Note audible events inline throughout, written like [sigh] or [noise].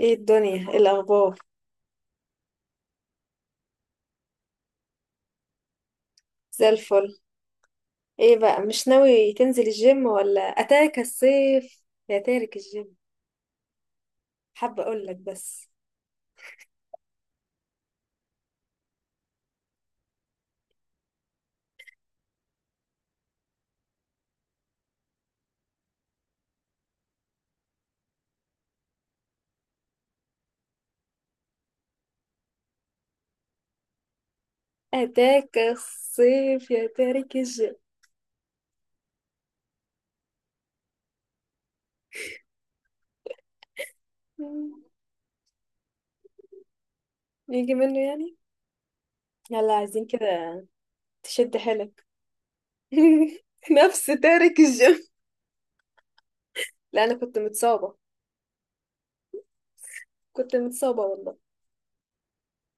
ايه الدنيا؟ ايه الاخبار؟ زي الفل. ايه بقى؟ مش ناوي تنزل الجيم ولا اتاك الصيف يا تارك الجيم؟ حابه اقول لك بس. اتاك الصيف يا تارك الجيم. مم. يجي منه يعني. يلا عايزين كده. تشد حيلك. [laughs] نفس تارك الجيم. لا، انا كنت متصابه. كنت متصابه والله.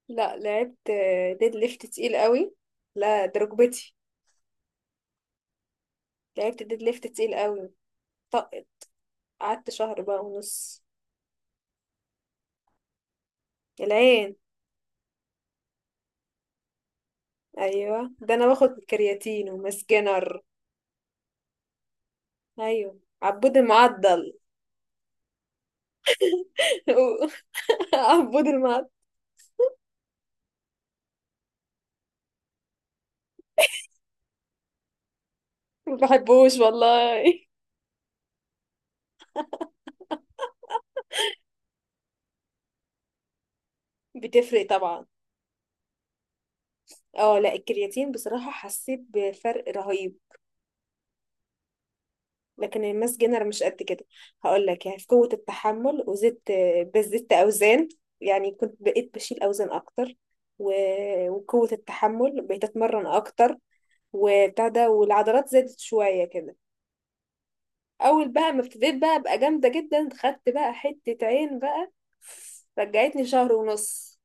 لا لعبت، ديد ليفت تقيل قوي. لا ده ركبتي. لعبت ديد ليفت تقيل قوي. طقت. قعدت شهر بقى ونص. العين. ايوه، ده انا باخد كرياتين ومسكنر. ايوه، عبود المعضل. [laughs] عبود المعضل. ما بحبوش والله. [laughs] بتفرق طبعا. اه، لا الكرياتين بصراحة حسيت بفرق رهيب. لكن الماس جينر مش قد كده. هقول لك، يعني في قوة التحمل وزدت. بزدت اوزان. يعني كنت بقيت بشيل اوزان اكتر، و... وقوة التحمل بقيت اتمرن اكتر. وبتاع ده، والعضلات زادت شوية كده. اول بقى ما ابتديت بقى ابقى جامده جدا، خدت بقى حته عين بقى. رجعتني شهر ونص.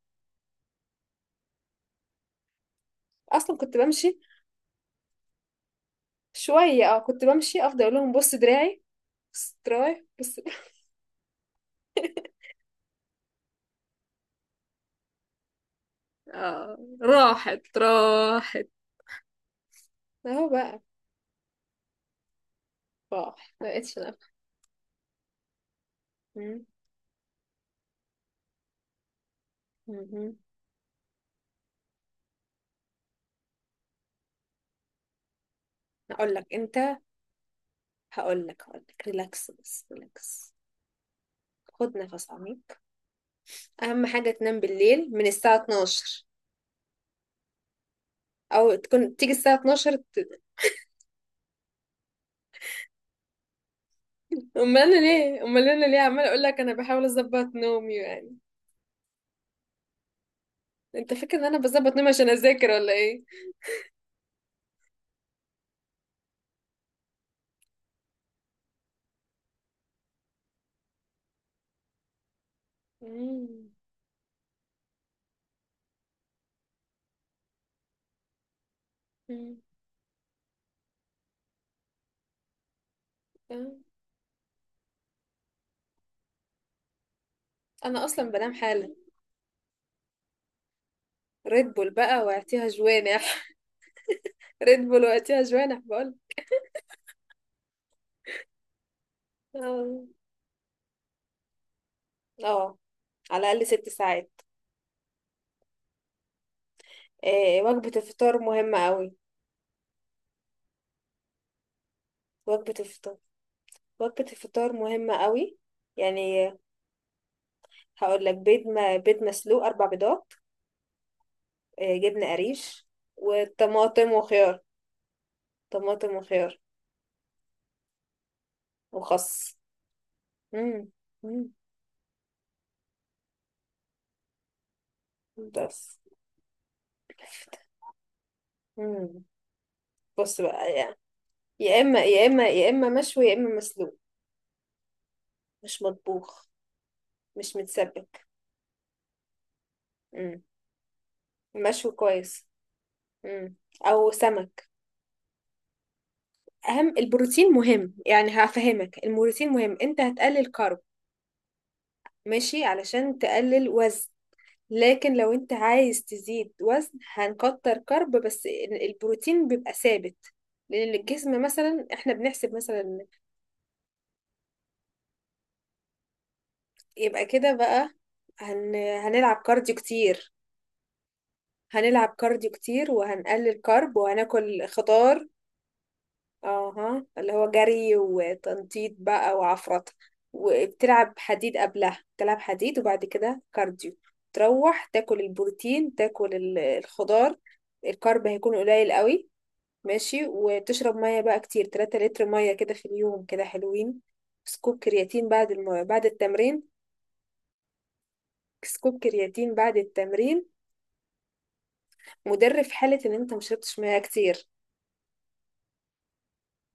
اصلا كنت بمشي شويه، كنت بمشي، افضل اقول لهم بص دراعي. بص دراعي بص. [laughs] آه راحت راحت. اهو بقى. راح ما بقتش انا. مم. مم. هقول لك انت. هقول لك ريلاكس، بس ريلاكس. خد نفس عميق. اهم حاجه تنام بالليل من الساعه 12 او تكون تيجي الساعه 12. امال انا ليه عماله اقول لك، انا بحاول اظبط نومي يعني. انت فاكر ان انا بظبط نومي عشان اذاكر ولا ايه؟ مم. مم. آه. انا اصلا بنام حالا. ريد بول بقى واعطيها جوانح. [laughs] ريد بول واعطيها جوانح بقول. اه. آه. على الاقل 6 ساعات. آه. وجبه الفطار مهمه قوي. وجبه الفطار وجبه الفطار مهمه قوي. يعني. هقول لك بيض، ما بيض مسلوق، اربع بيضات. آه. جبنه قريش. وطماطم وخيار. طماطم وخيار. وخس. مم. مم. بس. مم. بص بقى يعني. يا اما مشوي يا اما مسلوق. مش مطبوخ. مش متسبك. مم. مشوي كويس. مم. او سمك. اهم البروتين مهم، يعني هفهمك، البروتين مهم، انت هتقلل كارب. ماشي، علشان تقلل وزن. لكن لو انت عايز تزيد وزن هنكتر كارب، بس البروتين بيبقى ثابت. لان الجسم مثلا احنا بنحسب مثلا. يبقى كده بقى. هنلعب كارديو كتير. هنلعب كارديو كتير وهنقلل كارب وهناكل خضار. اها، اللي هو جري وتنطيط بقى وعفرطة. وبتلعب حديد قبلها، بتلعب حديد، وبعد كده كارديو. تروح تاكل البروتين، تاكل الخضار. الكارب هيكون قليل قوي. ماشي، وتشرب مية بقى كتير، 3 لتر مية كده في اليوم، كده حلوين. سكوب كرياتين بعد بعد التمرين. سكوب كرياتين بعد التمرين. مدر في حالة ان انت مشربتش مياه كتير.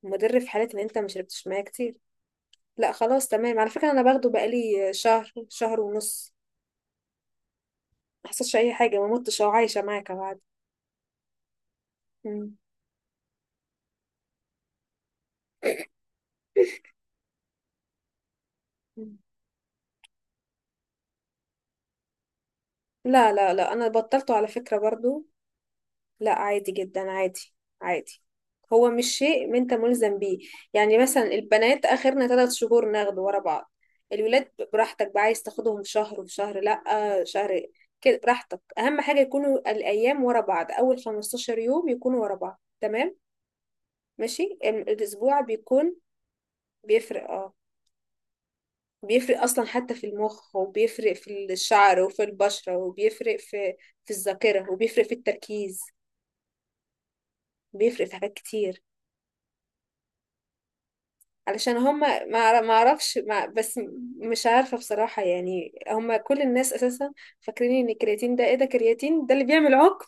مدر في حالة ان انت مشربتش مياه كتير. لا خلاص، تمام، على فكرة انا باخده بقالي شهر، شهر ونص. ما حصلش اي حاجة، ما متش او عايشة معاك اهو، عادي. مم. مم. لا لا لا، انا بطلته على فكرة برضو. لا، عادي جدا، عادي. عادي. هو مش شيء ما انت ملزم بيه. يعني مثلا البنات اخرنا 3 شهور ناخده ورا بعض. الولاد براحتك بقى، عايز تاخدهم في شهر وفي شهر لا. شهر. كده براحتك، اهم حاجة يكونوا الايام ورا بعض، اول 15 يوم يكونوا ورا بعض، تمام. ماشي، الاسبوع بيكون. بيفرق اه. بيفرق اصلا، حتى في المخ وبيفرق في الشعر وفي البشرة وبيفرق في الذاكرة وبيفرق في التركيز. بيفرق في حاجات كتير. علشان هما، ما اعرفش، ما بس م- مش عارفة بصراحة. يعني هما كل الناس اساسا فاكرين ان الكرياتين ده ايه، ده كرياتين ده اللي بيعمل عقم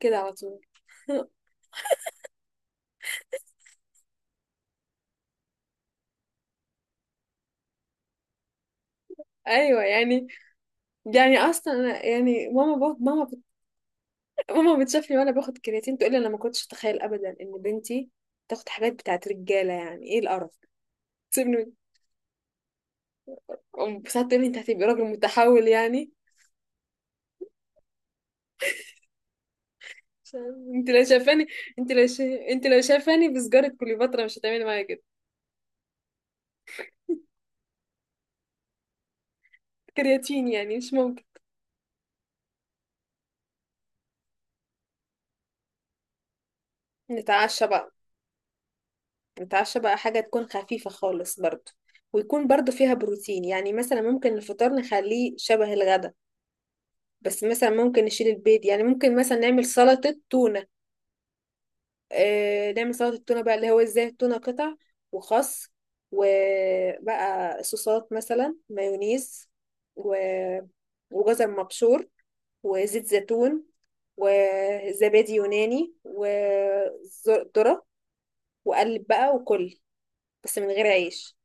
كده على طول. [laughs] ايوه يعني. يعني اصلا أنا يعني ماما بتشوفني وانا باخد كرياتين، تقول لي انا ما كنتش اتخيل ابدا ان بنتي تاخد حاجات بتاعت رجاله، يعني ايه القرف، تسيبني. ساعات تقول لي انت هتبقي راجل متحول يعني. انت لو شايفاني، انت لو شا... انت لو شايفاني بسجاره كليوباترا مش هتعملي معايا كده. كرياتين يعني مش ممكن. نتعشى بقى. نتعشى بقى حاجة تكون خفيفة خالص برضو. ويكون برضو فيها بروتين، يعني مثلا ممكن الفطار نخليه شبه الغدا. بس مثلا ممكن نشيل البيض، يعني ممكن مثلا نعمل سلطة تونة. آه نعمل سلطة تونة بقى، اللي هو ازاي، التونة قطع. وخس. وبقى صوصات مثلا مايونيز و... وجزر مبشور. وزيت زيتون. وزبادي يوناني. وذرة. وقلب بقى وكل. بس من غير عيش.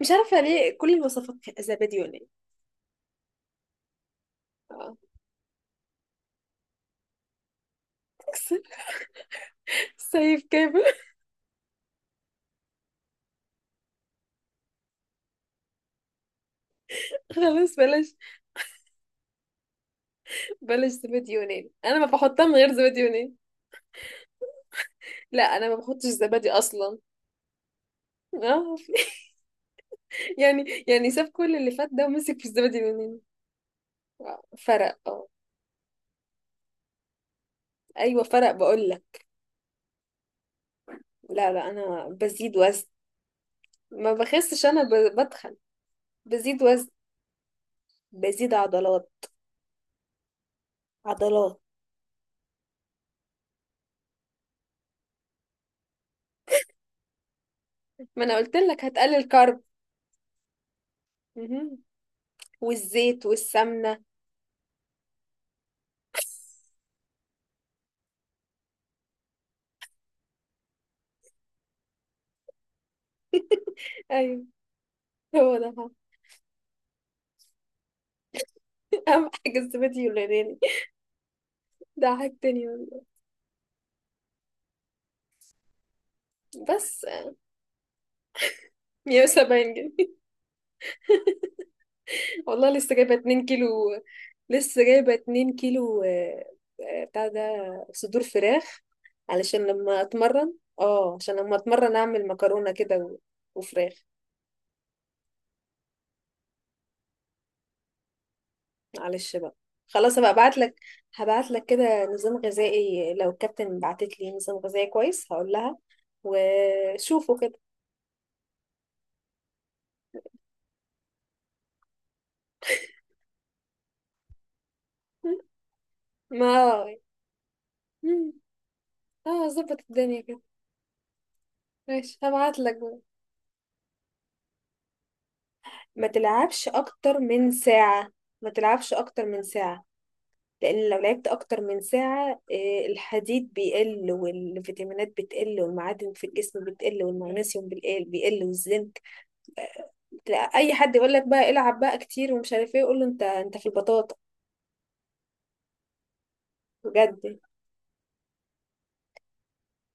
مش عارفة ليه كل الوصفات كانت زبادي يوناني. آه. [laughs] سيف كامل. [laughs] خلاص بلاش. بلاش زبادي يوناني، انا ما بحطها من غير زبادي يوناني. لا انا ما بحطش زبادي اصلا. اه. [laughs] يعني ساب كل اللي فات ده ومسك في الزبادي اليوناني. آه، فرق اه. ايوه فرق بقول لك. لا لا، انا بزيد وزن. ما بخسش، انا بتخن. بزيد وزن. بزيد عضلات. عضلات. ما انا قلت لك هتقلل كارب. مهم. والزيت والسمنه. ايوه هو ده. [laughs] أهم حاجة الزبادي واليوناني. ده حاجة تانية والله. بس 170 جنيه. [laughs] والله لسه جايبة 2 كيلو. لسه جايبة 2 كيلو، آه. آه، بتاع ده. صدور فراخ. علشان لما أتمرن. اه، عشان لما أتمرن أعمل مكرونة كده وفراخ. معلش بقى. خلاص هبقى ابعتلك. هبعتلك كده نظام غذائي، لو الكابتن بعتت لي نظام غذائي كويس هقول لها. وشوفوا كده. [laughs] ما. اه، ظبط الدنيا كده. ماشي هبعت لك بقى. ما تلعبش اكتر من ساعة. ما تلعبش اكتر من ساعة. لان لو لعبت اكتر من ساعة، آه، الحديد بيقل والفيتامينات بتقل والمعادن في الجسم بتقل والمغنيسيوم بيقل بيقل والزنك. تلاقي اي حد يقول لك بقى العب بقى كتير ومش عارف ايه، يقول له انت في البطاطا. بجد.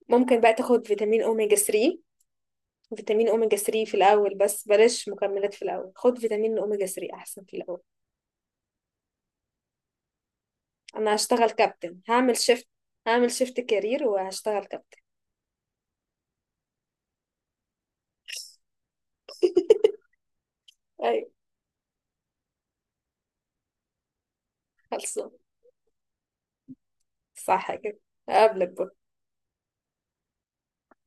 ممكن بقى تاخد فيتامين اوميجا 3. فيتامين اوميجا 3 في الاول، بس بلاش مكملات في الاول، خد فيتامين اوميجا 3 احسن في الاول. انا هشتغل كابتن، هعمل شيفت. هعمل شيفت كارير وهشتغل كابتن. ايوه خلصان. صح كده. اقابلك بكرة.